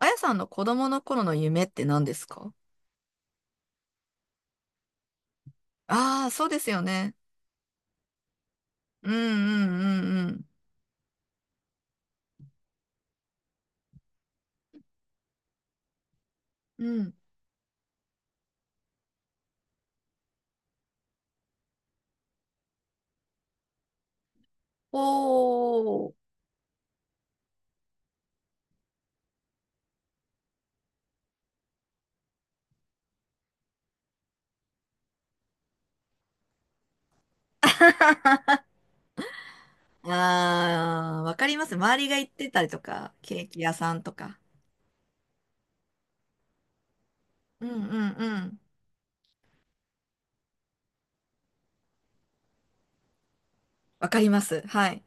あやさんの子供の頃の夢って何ですか？ああー、そうですよね。うんうんうんうん。うん。おー。ああ、わかります。周りが行ってたりとか、ケーキ屋さんとか。うんうんうん。わかります。はい。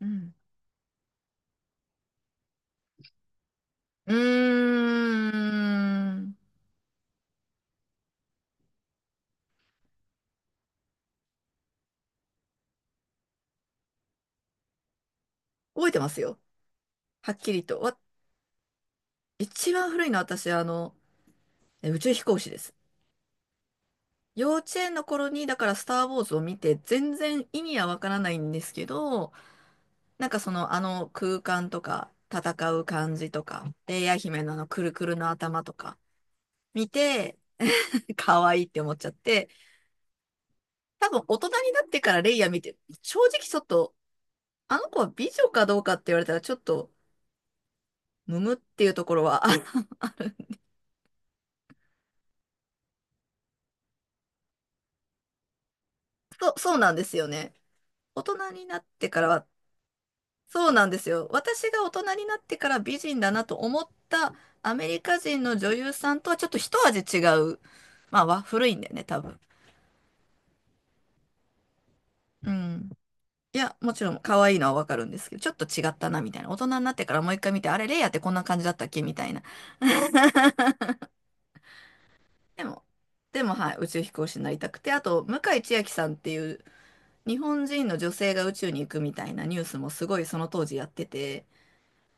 うん。うーん。覚えてますよ。はっきりと。一番古いのは私、宇宙飛行士です。幼稚園の頃に、だからスター・ウォーズを見て、全然意味はわからないんですけど、なんかその、あの空間とか、戦う感じとか、レイヤ姫のあのくるくるの頭とか、見て、可愛いって思っちゃって、多分大人になってからレイヤ見て、正直ちょっと、あの子は美女かどうかって言われたらちょっと、むむっていうところは、あ、そう、そうなんですよね。大人になってからは、そうなんですよ。私が大人になってから美人だなと思ったアメリカ人の女優さんとはちょっと一味違う。まあ、古いんだよね、多分。うん。いや、もちろん可愛いのはわかるんですけど、ちょっと違ったなみたいな。大人になってからもう一回見て、あれ、レイヤーってこんな感じだったっけみたいな。でも、でもはい、宇宙飛行士になりたくて、あと、向井千秋さんっていう日本人の女性が宇宙に行くみたいなニュースもすごいその当時やってて、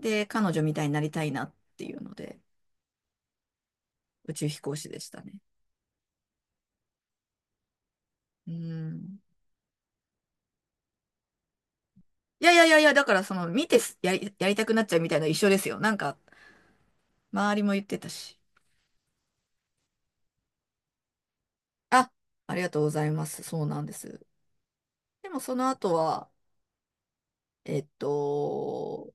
で、彼女みたいになりたいなっていうので、宇宙飛行士でしたね。うん。いやいやいやいや、だからその、見てすやり、やりたくなっちゃうみたいな一緒ですよ。なんか、周りも言ってたし。あ、ありがとうございます。そうなんです。でもその後は、えっと、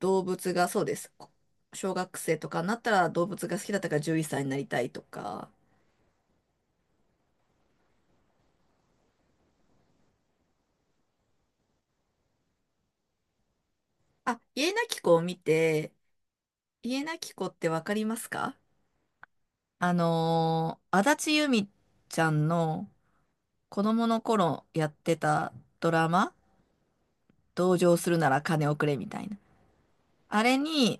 動物がそうです。小学生とかになったら動物が好きだったから獣医さんになりたいとか。あ、家なき子を見て、家なき子ってわかりますか？足立由美ちゃんの子供の頃やってたドラマ、同情するなら金をくれみたいな。あれに、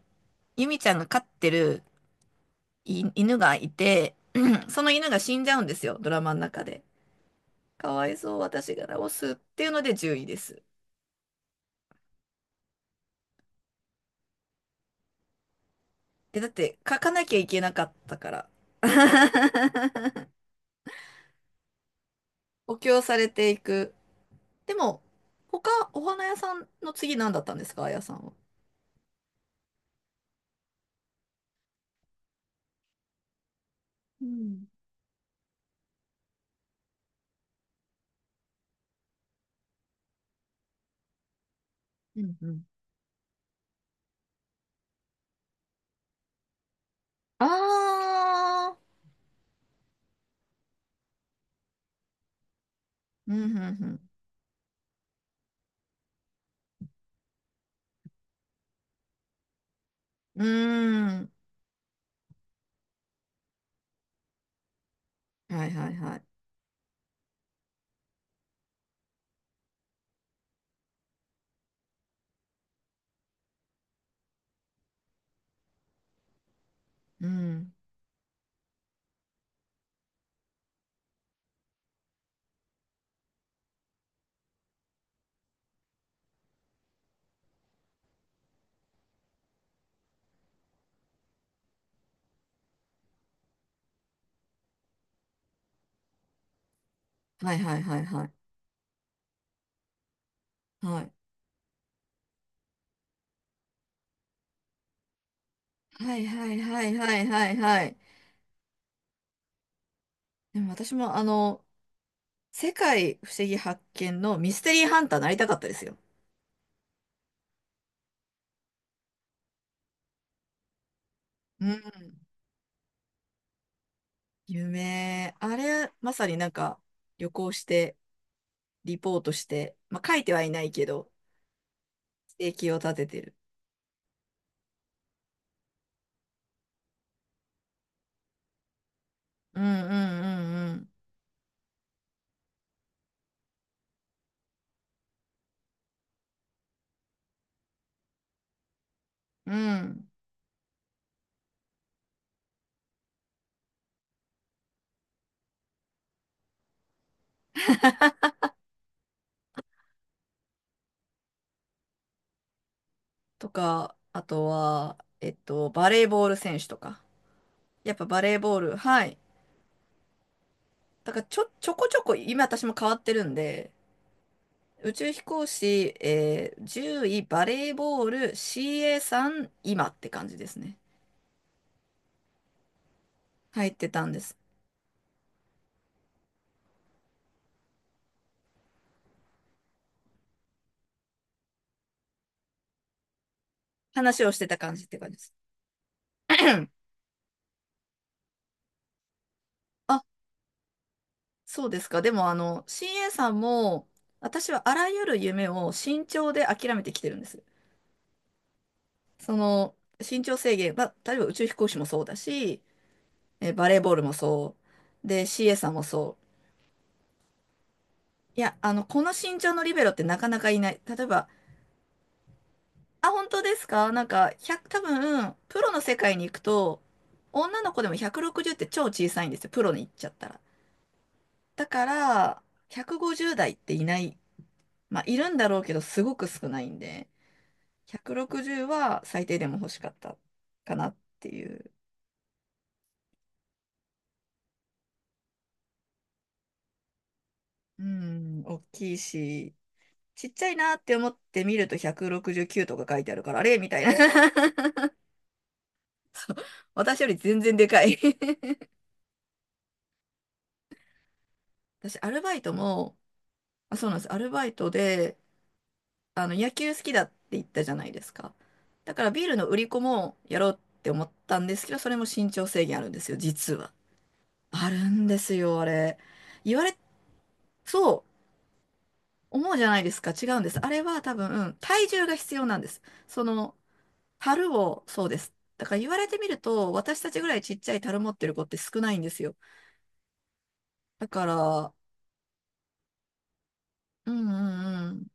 由美ちゃんが飼ってる犬がいて、その犬が死んじゃうんですよ、ドラマの中で。かわいそう、私が直すっていうので10位です。え、だって書かなきゃいけなかったから。補強されていく。でも、他、お花屋さんの次何だったんですか、あやさんは？うん。うんうん。ああ、うん、うん、うん。うーん。はいはいはい。うん。はいはいはいはい。はい。はいはいはいはいはいはい。でも私も世界不思議発見のミステリーハンターなりたかったですよ。夢、あれ、まさになんか旅行して、リポートして、まあ書いてはいないけど、生計を立ててる。うんうんうんうん。うん。とか、あとは、えっと、バレーボール選手とか。やっぱバレーボール、はい。だからちょこちょこ、今私も変わってるんで、宇宙飛行士、10位バレーボール c a ん今って感じですね。入ってたんです。話をしてた感じって感じです。あそうですか。でも、あの、CA さんも、私はあらゆる夢を慎重で諦めてきてるんです。その、身長制限、まあ、例えば宇宙飛行士もそうだし、バレーボールもそう。で、CA さんもそう。いや、あの、この身長のリベロってなかなかいない。例えば、あ、本当ですか？なんか、100、多分、プロの世界に行くと、女の子でも160って超小さいんですよ。プロに行っちゃったら。だから、150代っていない。まあ、いるんだろうけど、すごく少ないんで。160は最低でも欲しかったかなっていう。うん、大きいし、ちっちゃいなって思って見ると169とか書いてあるから、あれみたいな。私より全然でかい 私、アルバイトも、あ、そうなんです。アルバイトで、あの、野球好きだって言ったじゃないですか。だからビールの売り子もやろうって思ったんですけど、それも身長制限あるんですよ、実は。あるんですよ、あれ。言われ、そう。思うじゃないですか。違うんです。あれは多分、体重が必要なんです。その、樽を、そうです。だから言われてみると、私たちぐらいちっちゃい樽持ってる子って少ないんですよ。だから、うんうんうん。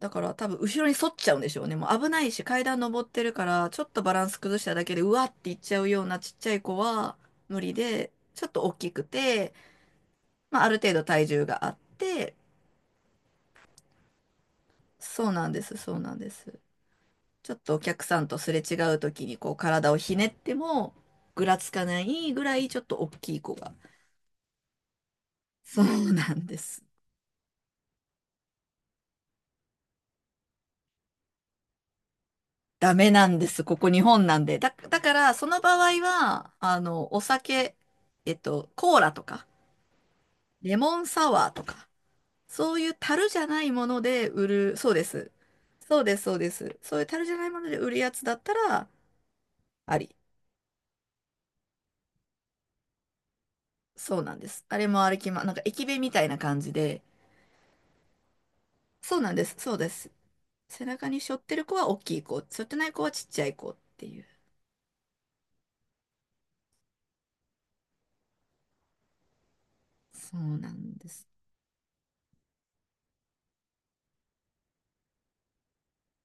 だから多分、後ろに反っちゃうんでしょうね。もう危ないし、階段登ってるから、ちょっとバランス崩しただけで、うわっていっちゃうようなちっちゃい子は無理で、ちょっと大きくて、まあ、ある程度体重があって、そうなんです、そうなんです。ちょっとお客さんとすれ違う時にこう体をひねってもぐらつかないぐらいちょっと大きい子が。そうなんです。ダメなんです。ここ日本なんで。だからその場合は、あの、お酒、えっと、コーラとか、レモンサワーとか、そういう樽じゃないもので売る、そうです。そうです、そうです。そういう樽じゃないもので売るやつだったら、あり。そうなんです。あれも歩きま、なんか駅弁みたいな感じで、そうなんです、そうです。背中に背負ってる子は大きい子、背負ってない子はちっちゃい子っていう。そうなんです。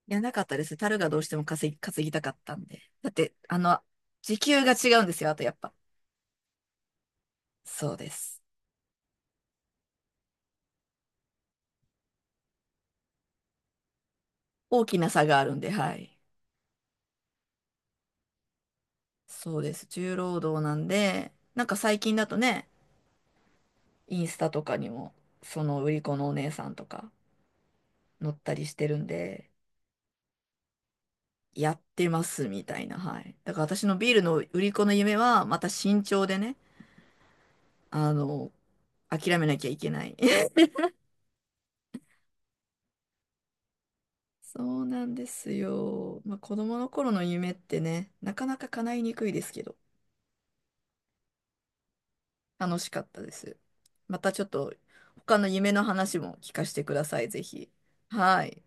いや、なかったです。樽がどうしても稼ぎたかったんで。だって、あの、時給が違うんですよ。あとやっぱ。そうです。大きな差があるんで、はい。そうです。重労働なんで、なんか最近だとね、インスタとかにも、その売り子のお姉さんとか載ったりしてるんで、やってますみたいな、はい。だから私のビールの売り子の夢は、また慎重でね、あの、諦めなきゃいけない。そうなんですよ。まあ、子供の頃の夢ってね、なかなか叶いにくいですけど、楽しかったです。またちょっと他の夢の話も聞かせてください、ぜひ。はい。